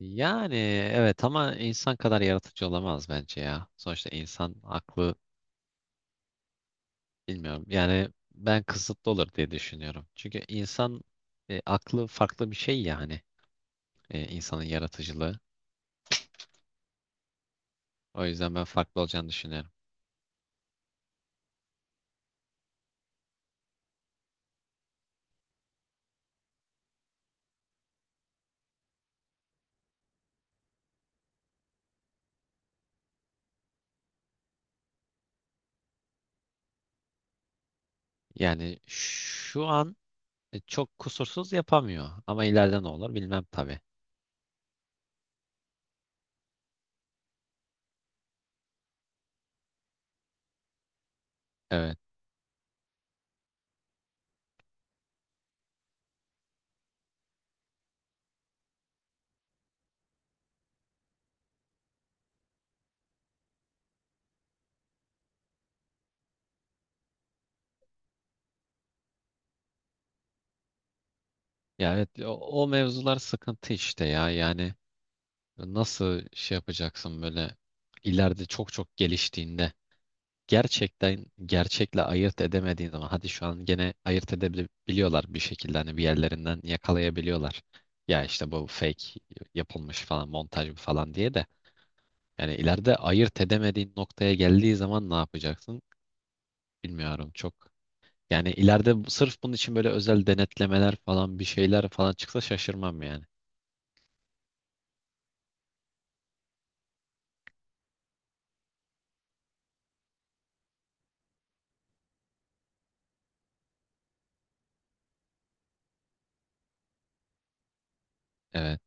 Yani evet ama insan kadar yaratıcı olamaz bence ya. Sonuçta insan aklı, bilmiyorum. Yani ben kısıtlı olur diye düşünüyorum. Çünkü insan aklı farklı bir şey, yani insanın yaratıcılığı. O yüzden ben farklı olacağını düşünüyorum. Yani şu an çok kusursuz yapamıyor ama ileride ne olur bilmem tabii. Evet. Ya evet, o mevzular sıkıntı işte ya. Yani nasıl şey yapacaksın böyle ileride çok çok geliştiğinde. Gerçekten gerçekle ayırt edemediğin zaman, hadi şu an gene ayırt edebiliyorlar bir şekilde, hani bir yerlerinden yakalayabiliyorlar. Ya işte bu fake yapılmış falan, montaj bu falan diye de, yani ileride ayırt edemediğin noktaya geldiği zaman ne yapacaksın bilmiyorum çok. Yani ileride sırf bunun için böyle özel denetlemeler falan bir şeyler falan çıksa şaşırmam yani. Evet.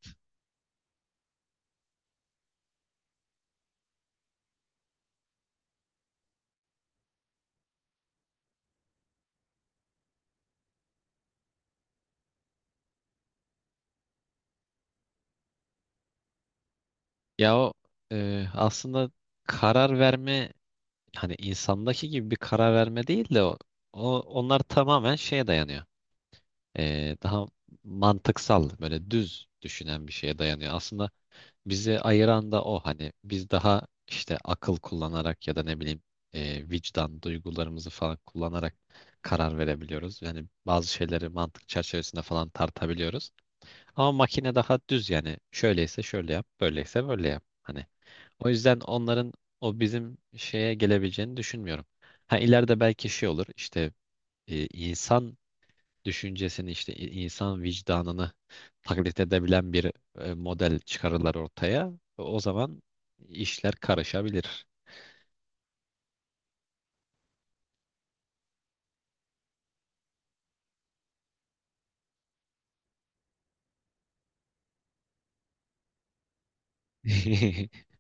Ya, aslında karar verme, hani insandaki gibi bir karar verme değil de, o onlar tamamen şeye dayanıyor. Daha mantıksal böyle düz düşünen bir şeye dayanıyor. Aslında bizi ayıran da o, hani biz daha işte akıl kullanarak ya da ne bileyim, vicdan duygularımızı falan kullanarak karar verebiliyoruz. Yani bazı şeyleri mantık çerçevesinde falan tartabiliyoruz. Ama makine daha düz, yani şöyleyse şöyle yap, böyleyse böyle yap. Hani o yüzden onların o bizim şeye gelebileceğini düşünmüyorum. Ha ileride belki şey olur işte, insan düşüncesini işte insan vicdanını taklit edebilen bir model çıkarırlar ortaya. O zaman işler karışabilir.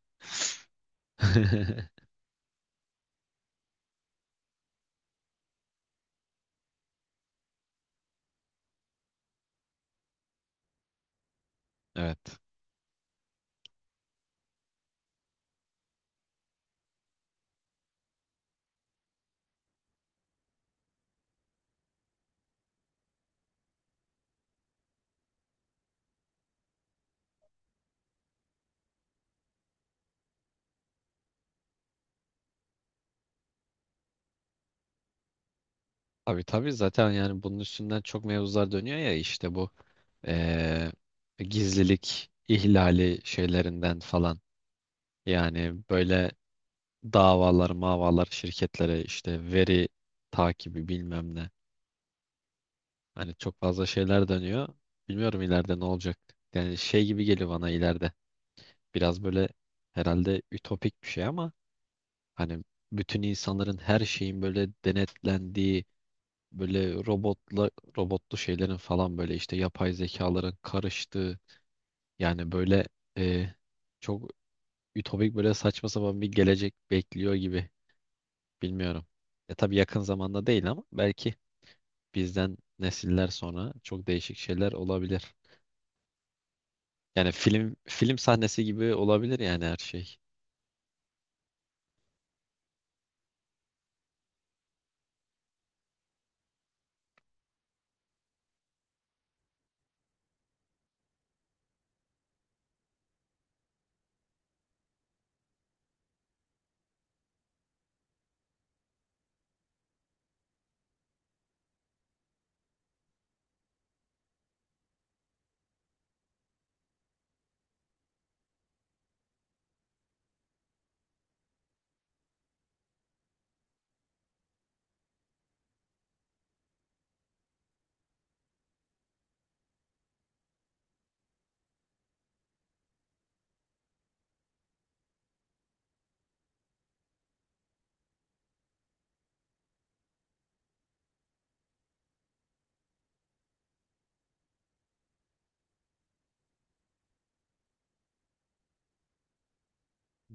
Evet. Tabii tabii, zaten yani bunun üstünden çok mevzular dönüyor ya işte bu gizlilik ihlali şeylerinden falan. Yani böyle davalar, mavalar, şirketlere işte veri takibi bilmem ne. Hani çok fazla şeyler dönüyor. Bilmiyorum ileride ne olacak. Yani şey gibi geliyor bana ileride. Biraz böyle herhalde ütopik bir şey ama hani bütün insanların, her şeyin böyle denetlendiği, böyle robotla robotlu şeylerin falan, böyle işte yapay zekaların karıştığı, yani böyle e, çok ütopik, böyle saçma sapan bir gelecek bekliyor gibi. Bilmiyorum. E tabii yakın zamanda değil ama belki bizden nesiller sonra çok değişik şeyler olabilir. Yani film sahnesi gibi olabilir yani her şey.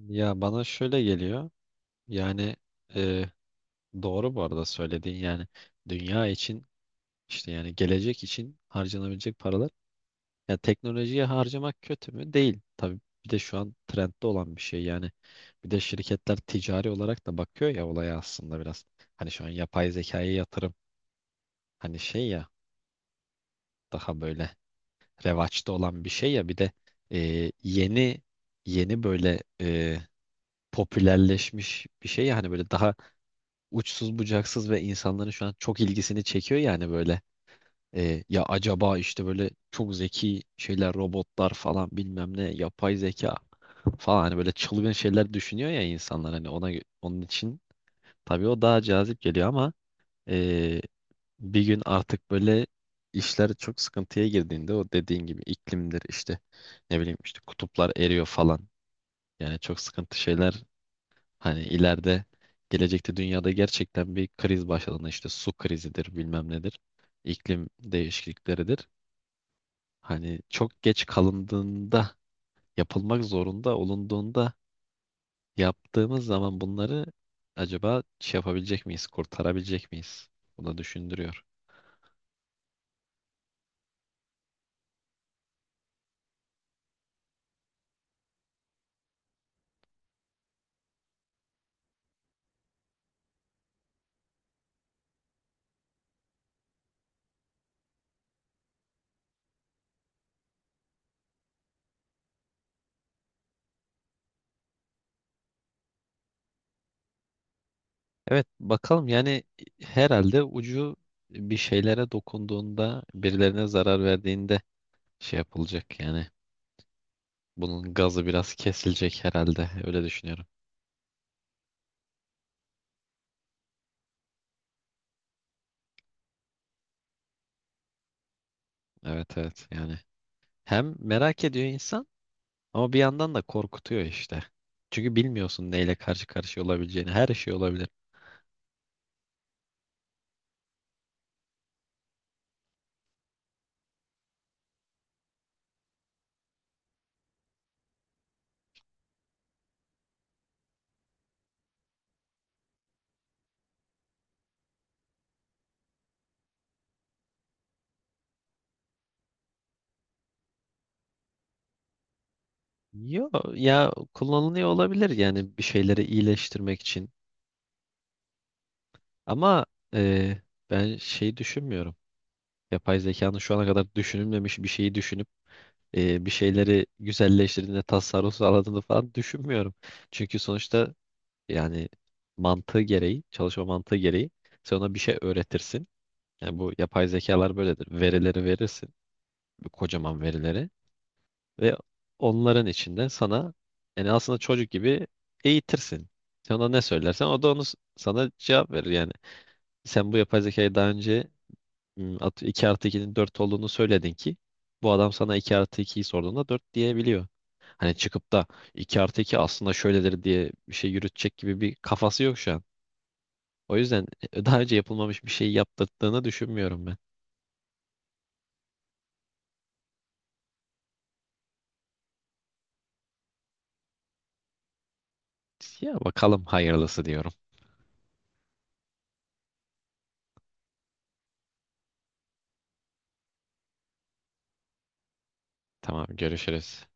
Ya bana şöyle geliyor. Yani e, doğru bu arada söylediğin, yani dünya için işte, yani gelecek için harcanabilecek paralar. Ya teknolojiye harcamak kötü mü? Değil. Tabii bir de şu an trendde olan bir şey yani. Bir de şirketler ticari olarak da bakıyor ya olaya aslında biraz. Hani şu an yapay zekaya yatırım, hani şey ya, daha böyle revaçta olan bir şey ya, bir de e, yeni yeni böyle popülerleşmiş bir şey, yani böyle daha uçsuz bucaksız ve insanların şu an çok ilgisini çekiyor, yani böyle ya acaba işte böyle çok zeki şeyler, robotlar falan, bilmem ne, yapay zeka falan, hani böyle çılgın şeyler düşünüyor ya insanlar, hani onun için tabii o daha cazip geliyor ama e, bir gün artık böyle işler çok sıkıntıya girdiğinde, o dediğin gibi iklimdir işte, ne bileyim işte kutuplar eriyor falan, yani çok sıkıntı şeyler. Hani ileride, gelecekte dünyada gerçekten bir kriz başladığında, işte su krizidir, bilmem nedir, iklim değişiklikleridir. Hani çok geç kalındığında, yapılmak zorunda olunduğunda, yaptığımız zaman bunları, acaba şey yapabilecek miyiz? Kurtarabilecek miyiz? Bunu düşündürüyor. Evet bakalım yani, herhalde ucu bir şeylere dokunduğunda, birilerine zarar verdiğinde şey yapılacak yani. Bunun gazı biraz kesilecek herhalde. Öyle düşünüyorum. Evet evet yani. Hem merak ediyor insan ama bir yandan da korkutuyor işte. Çünkü bilmiyorsun neyle karşı karşıya olabileceğini. Her şey olabilir. Yo, ya kullanılıyor olabilir yani bir şeyleri iyileştirmek için. Ama e, ben şey düşünmüyorum. Yapay zekanın şu ana kadar düşünülmemiş bir şeyi düşünüp bir şeyleri güzelleştirdiğinde, tasarruf sağladığını falan düşünmüyorum. Çünkü sonuçta, yani mantığı gereği, çalışma mantığı gereği sen ona bir şey öğretirsin. Yani bu yapay zekalar böyledir. Verileri verirsin, bu kocaman verileri, ve onların içinde sana, yani aslında çocuk gibi eğitirsin. Sen ona ne söylersen o da onu sana cevap verir yani. Sen bu yapay zekayı daha önce 2 artı 2'nin 4 olduğunu söyledin ki bu adam sana 2 artı 2'yi sorduğunda 4 diyebiliyor. Hani çıkıp da 2 artı 2 aslında şöyledir diye bir şey yürütecek gibi bir kafası yok şu an. O yüzden daha önce yapılmamış bir şey yaptırdığını düşünmüyorum ben. Ya bakalım hayırlısı diyorum. Tamam, görüşürüz.